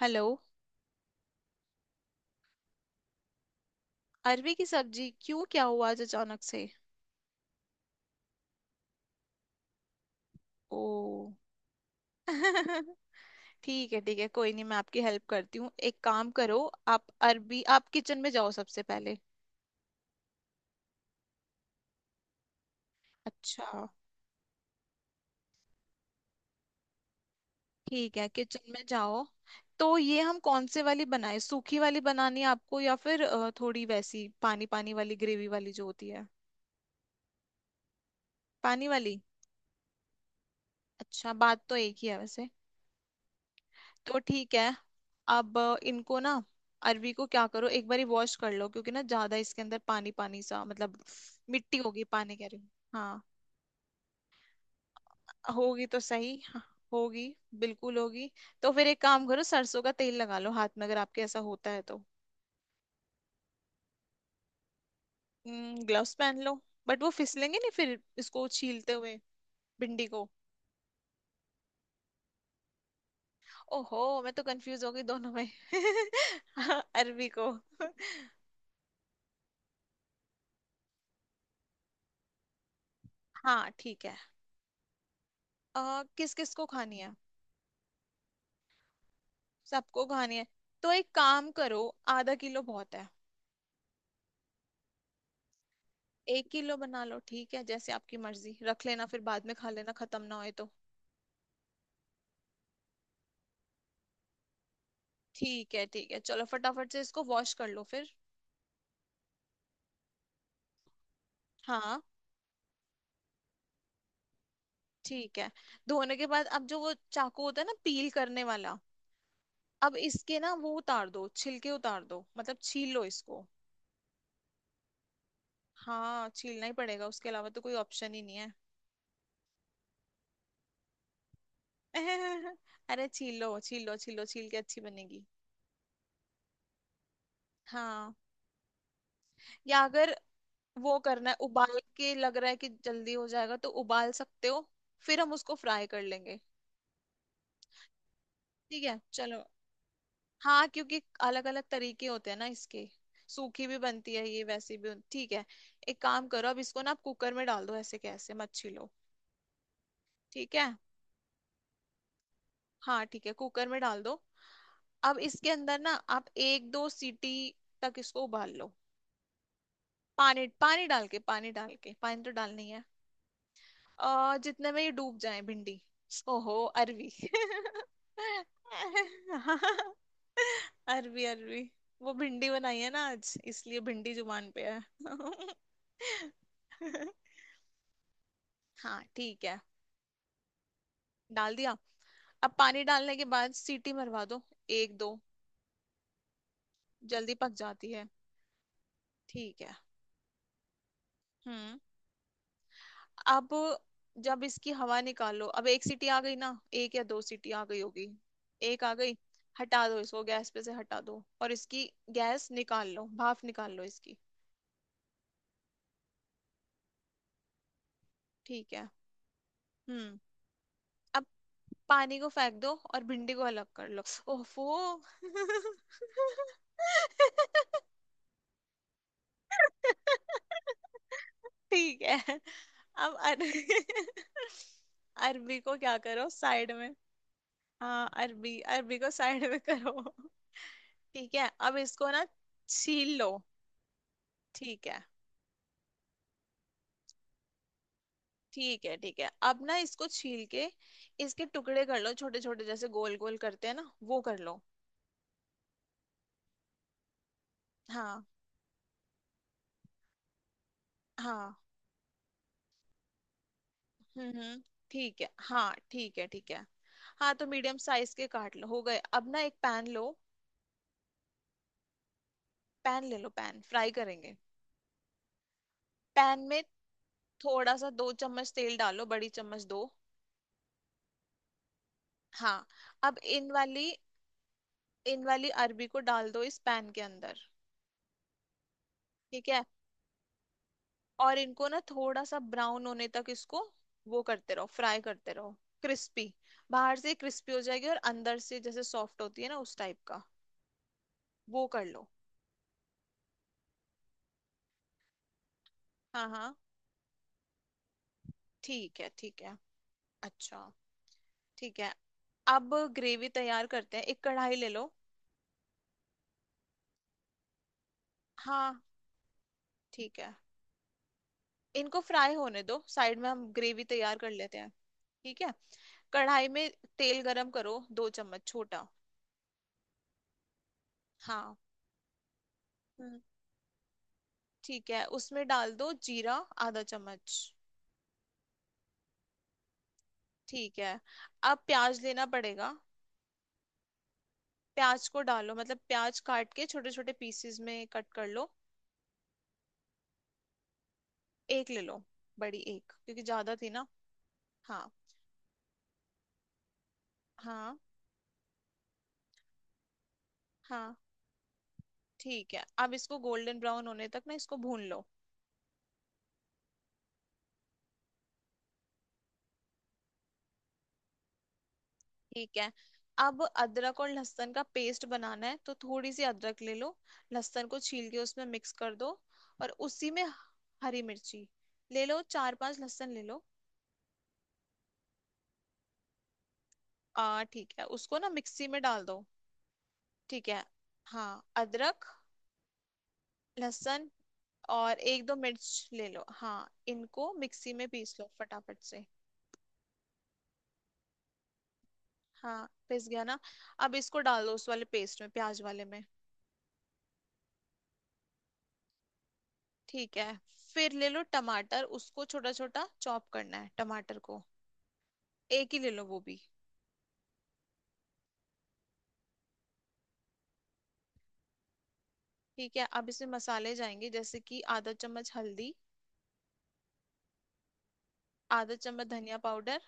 Hello. अरवी की सब्जी क्यों? क्या हुआ आज अचानक से? ओ। ठीक है, ठीक है, कोई नहीं, मैं आपकी हेल्प करती हूँ, एक काम करो। आप किचन में जाओ सबसे पहले। अच्छा। ठीक है, किचन में जाओ। तो ये हम कौन से वाली बनाए? सूखी वाली बनानी है आपको या फिर थोड़ी वैसी पानी पानी वाली ग्रेवी वाली जो होती है? पानी वाली। अच्छा, बात तो एक ही है वैसे। तो ठीक है। अब इनको ना, अरवी को क्या करो, एक बारी वॉश कर लो, क्योंकि ना ज्यादा इसके अंदर पानी पानी सा, मतलब मिट्टी होगी, पानी कह रही हूँ। हाँ, होगी तो सही। हाँ, होगी, बिल्कुल होगी। तो फिर एक काम करो, सरसों का तेल लगा लो हाथ में अगर आपके ऐसा होता है तो। ग्लव्स पहन लो। बट वो फिसलेंगे नहीं फिर इसको छीलते हुए। भिंडी को। ओहो, मैं तो कंफ्यूज हो गई दोनों में। अरवी को। हाँ, ठीक है। किस किस को खानी है? सबको खानी है। तो एक काम करो। आधा किलो बहुत है। एक किलो बना लो, ठीक है जैसे आपकी मर्जी, रख लेना फिर बाद में, खा लेना, खत्म ना होए तो। ठीक है, ठीक है, चलो फटाफट से इसको वॉश कर लो फिर। हाँ, ठीक है। धोने के बाद अब जो वो चाकू होता है ना, पील करने वाला। अब इसके ना वो उतार दो, छिलके उतार दो, मतलब छील लो इसको। हाँ, छीलना ही पड़ेगा, उसके अलावा तो कोई ऑप्शन ही नहीं है। अरे, छील लो, छील लो, छील लो, छील के अच्छी बनेगी। हाँ। या अगर वो करना है उबाल के, लग रहा है कि जल्दी हो जाएगा तो उबाल सकते हो। फिर हम उसको फ्राई कर लेंगे। ठीक है, चलो। हाँ, क्योंकि अलग अलग तरीके होते हैं ना इसके। सूखी भी बनती है, ये वैसी भी ठीक है। एक काम करो, अब इसको ना आप कुकर में डाल दो, ऐसे कैसे मत छीलो। ठीक है। हाँ, ठीक है, कुकर में डाल दो। अब इसके अंदर ना आप एक दो सीटी तक इसको उबाल लो। पानी पानी डाल के पानी डाल के पानी तो डालनी है। जितने में ये डूब जाए भिंडी। ओहो। अरवी। अरवी, अरवी। वो भिंडी बनाई है ना आज, इसलिए भिंडी जुबान पे है। हाँ, ठीक है। डाल दिया। अब पानी डालने के बाद सीटी मरवा दो। एक दो। जल्दी पक जाती है। ठीक है। हम्म। अब जब इसकी हवा निकालो, अब एक सीटी आ गई ना, एक या दो सीटी आ गई होगी। एक आ गई। हटा दो इसको, गैस पे से हटा दो, और इसकी गैस निकाल लो, भाप निकाल लो इसकी। ठीक है। हम्म। अब पानी को फेंक दो और भिंडी को अलग कर लो। ओफो। ठीक है। अब अरबी को क्या करो साइड में। हाँ, अरबी, अरबी को साइड में करो। ठीक है, अब इसको ना छील लो। ठीक है, ठीक है, ठीक है, अब ना इसको छील के इसके टुकड़े कर लो, छोटे छोटे, जैसे गोल गोल करते हैं ना, वो कर लो। हाँ हाँ। हम्म। ठीक है, हाँ, ठीक है, ठीक है। हाँ, तो मीडियम साइज के काट लो, हो गए, अब ना एक पैन लो। पैन ले लो, पैन फ्राई करेंगे। पैन में थोड़ा सा दो चम्मच तेल डालो, बड़ी चम्मच दो। हाँ। अब इन वाली अरबी को डाल दो इस पैन के अंदर। ठीक है। और इनको ना थोड़ा सा ब्राउन होने तक इसको वो करते रहो, फ्राई करते रहो। क्रिस्पी। बाहर से क्रिस्पी हो जाएगी और अंदर से जैसे सॉफ्ट होती है ना, उस टाइप का। वो कर लो। हाँ हाँ। ठीक है, ठीक है। अच्छा। ठीक है, अब ग्रेवी तैयार करते हैं, एक कढ़ाई ले लो। हाँ। ठीक है। इनको फ्राई होने दो साइड में, हम ग्रेवी तैयार कर लेते हैं। ठीक है। कढ़ाई में तेल गरम करो, दो चम्मच छोटा। हाँ। हम्म, ठीक है, उसमें डाल दो जीरा, आधा चम्मच। ठीक है। अब प्याज लेना पड़ेगा। प्याज को डालो, मतलब प्याज काट के छोटे छोटे पीसेस में कट कर लो। एक ले लो। बड़ी एक, क्योंकि ज्यादा थी ना। हाँ हाँ हाँ। ठीक है, अब इसको गोल्डन ब्राउन होने तक ना इसको भून लो। ठीक है। अब अदरक और लहसुन का पेस्ट बनाना है, तो थोड़ी सी अदरक ले लो। लहसुन को छील के उसमें मिक्स कर दो। और उसी में हरी मिर्ची ले लो, चार पांच लहसुन ले लो। आ ठीक है, उसको ना मिक्सी में डाल दो। ठीक है। हाँ, अदरक, लहसुन, और एक दो मिर्च ले लो, हाँ, इनको मिक्सी में पीस लो फटाफट से। हाँ, पिस गया ना। अब इसको डाल दो उस वाले पेस्ट में, प्याज वाले में। ठीक है, फिर ले लो टमाटर, उसको छोटा छोटा चॉप करना है, टमाटर को। एक ही ले लो वो भी। ठीक है, अब इसमें मसाले जाएंगे, जैसे कि आधा चम्मच हल्दी, आधा चम्मच धनिया पाउडर,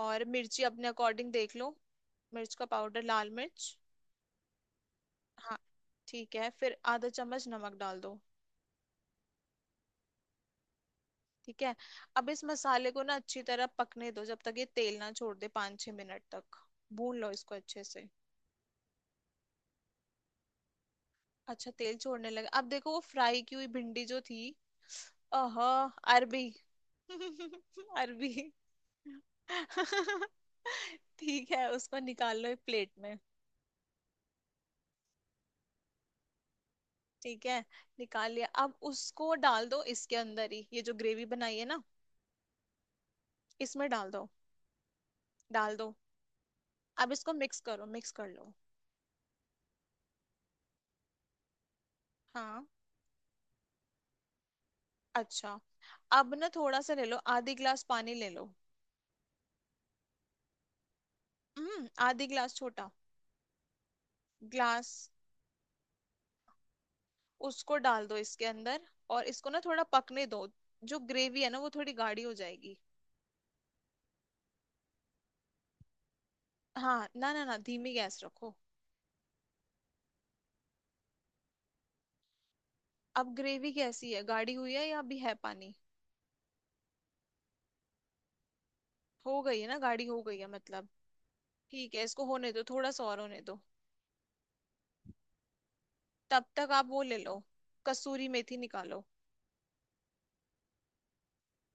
और मिर्ची अपने अकॉर्डिंग देख लो, मिर्च का पाउडर, लाल मिर्च। हाँ। ठीक है, फिर आधा चम्मच नमक डाल दो। ठीक है। अब इस मसाले को ना अच्छी तरह पकने दो, जब तक ये तेल ना छोड़ दे, पाँच छह मिनट तक भून लो इसको अच्छे से। अच्छा, तेल छोड़ने लगा, अब देखो वो फ्राई की हुई भिंडी जो थी। अह अरबी। अरबी। ठीक है, उसको निकाल लो एक प्लेट में। ठीक है। निकाल लिया, अब उसको डाल दो इसके अंदर ही, ये जो ग्रेवी बनाई है ना। इसमें डाल दो, डाल दो। अब इसको मिक्स करो, मिक्स कर लो। हाँ। अच्छा। अब ना थोड़ा सा ले लो, आधी गिलास पानी ले लो। हम्म, आधी गिलास, छोटा ग्लास। उसको डाल दो इसके अंदर, और इसको ना थोड़ा पकने दो, जो ग्रेवी है ना वो थोड़ी गाढ़ी हो जाएगी। हाँ, ना ना ना, धीमी गैस रखो। अब ग्रेवी कैसी है, गाढ़ी हुई है या अभी है पानी? हो गई है ना, गाढ़ी हो गई है मतलब। ठीक है, इसको होने दो, थोड़ा सा और होने दो। तब तक आप वो ले लो, कसूरी मेथी निकालो।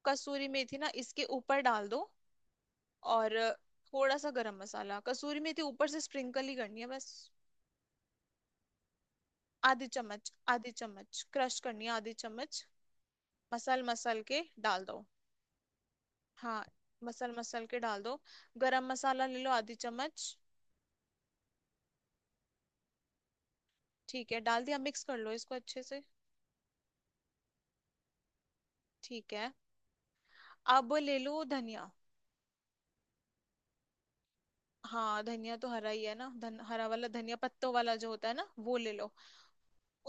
कसूरी मेथी ना इसके ऊपर डाल दो, और थोड़ा सा गरम मसाला, कसूरी मेथी ऊपर से स्प्रिंकल ही करनी है बस। आधी चम्मच, आधी चम्मच क्रश करनी है, आधी चम्मच। मसल मसल के डाल दो। हाँ, मसल मसल के डाल दो। गरम मसाला ले लो आधी चम्मच। ठीक है, डाल दिया, मिक्स कर लो इसको अच्छे से। ठीक है। अब ले लो धनिया। हाँ, धनिया तो हरा ही है ना, हरा वाला धनिया, पत्तों वाला जो होता है ना, वो ले लो।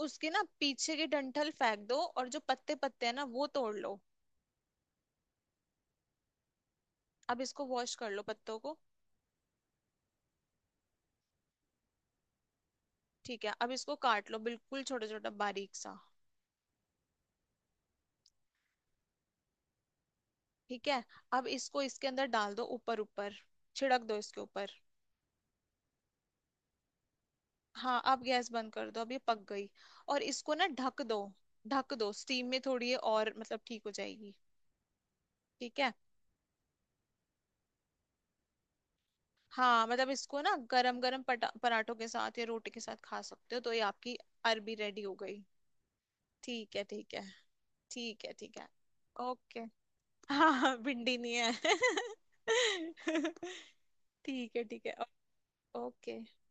उसके ना पीछे की डंठल फेंक दो, और जो पत्ते पत्ते हैं ना, वो तोड़ लो। अब इसको वॉश कर लो, पत्तों को। ठीक है, अब इसको काट लो, बिल्कुल छोटा छोटा, बारीक सा। ठीक है, अब इसको इसके अंदर डाल दो, ऊपर ऊपर छिड़क दो, इसके ऊपर। हाँ, अब गैस बंद कर दो, अब ये पक गई, और इसको ना ढक दो। ढक दो, स्टीम में थोड़ी ये और मतलब ठीक हो जाएगी। ठीक है। हाँ, मतलब इसको ना गरम गरम पटा पराठों के साथ या रोटी के साथ खा सकते हो, तो ये आपकी अरबी रेडी हो गई। ठीक है, ठीक है। ठीक है, ठीक है। ओके। हाँ हाँ, भिंडी नहीं है। ठीक है, ठीक है। ओके।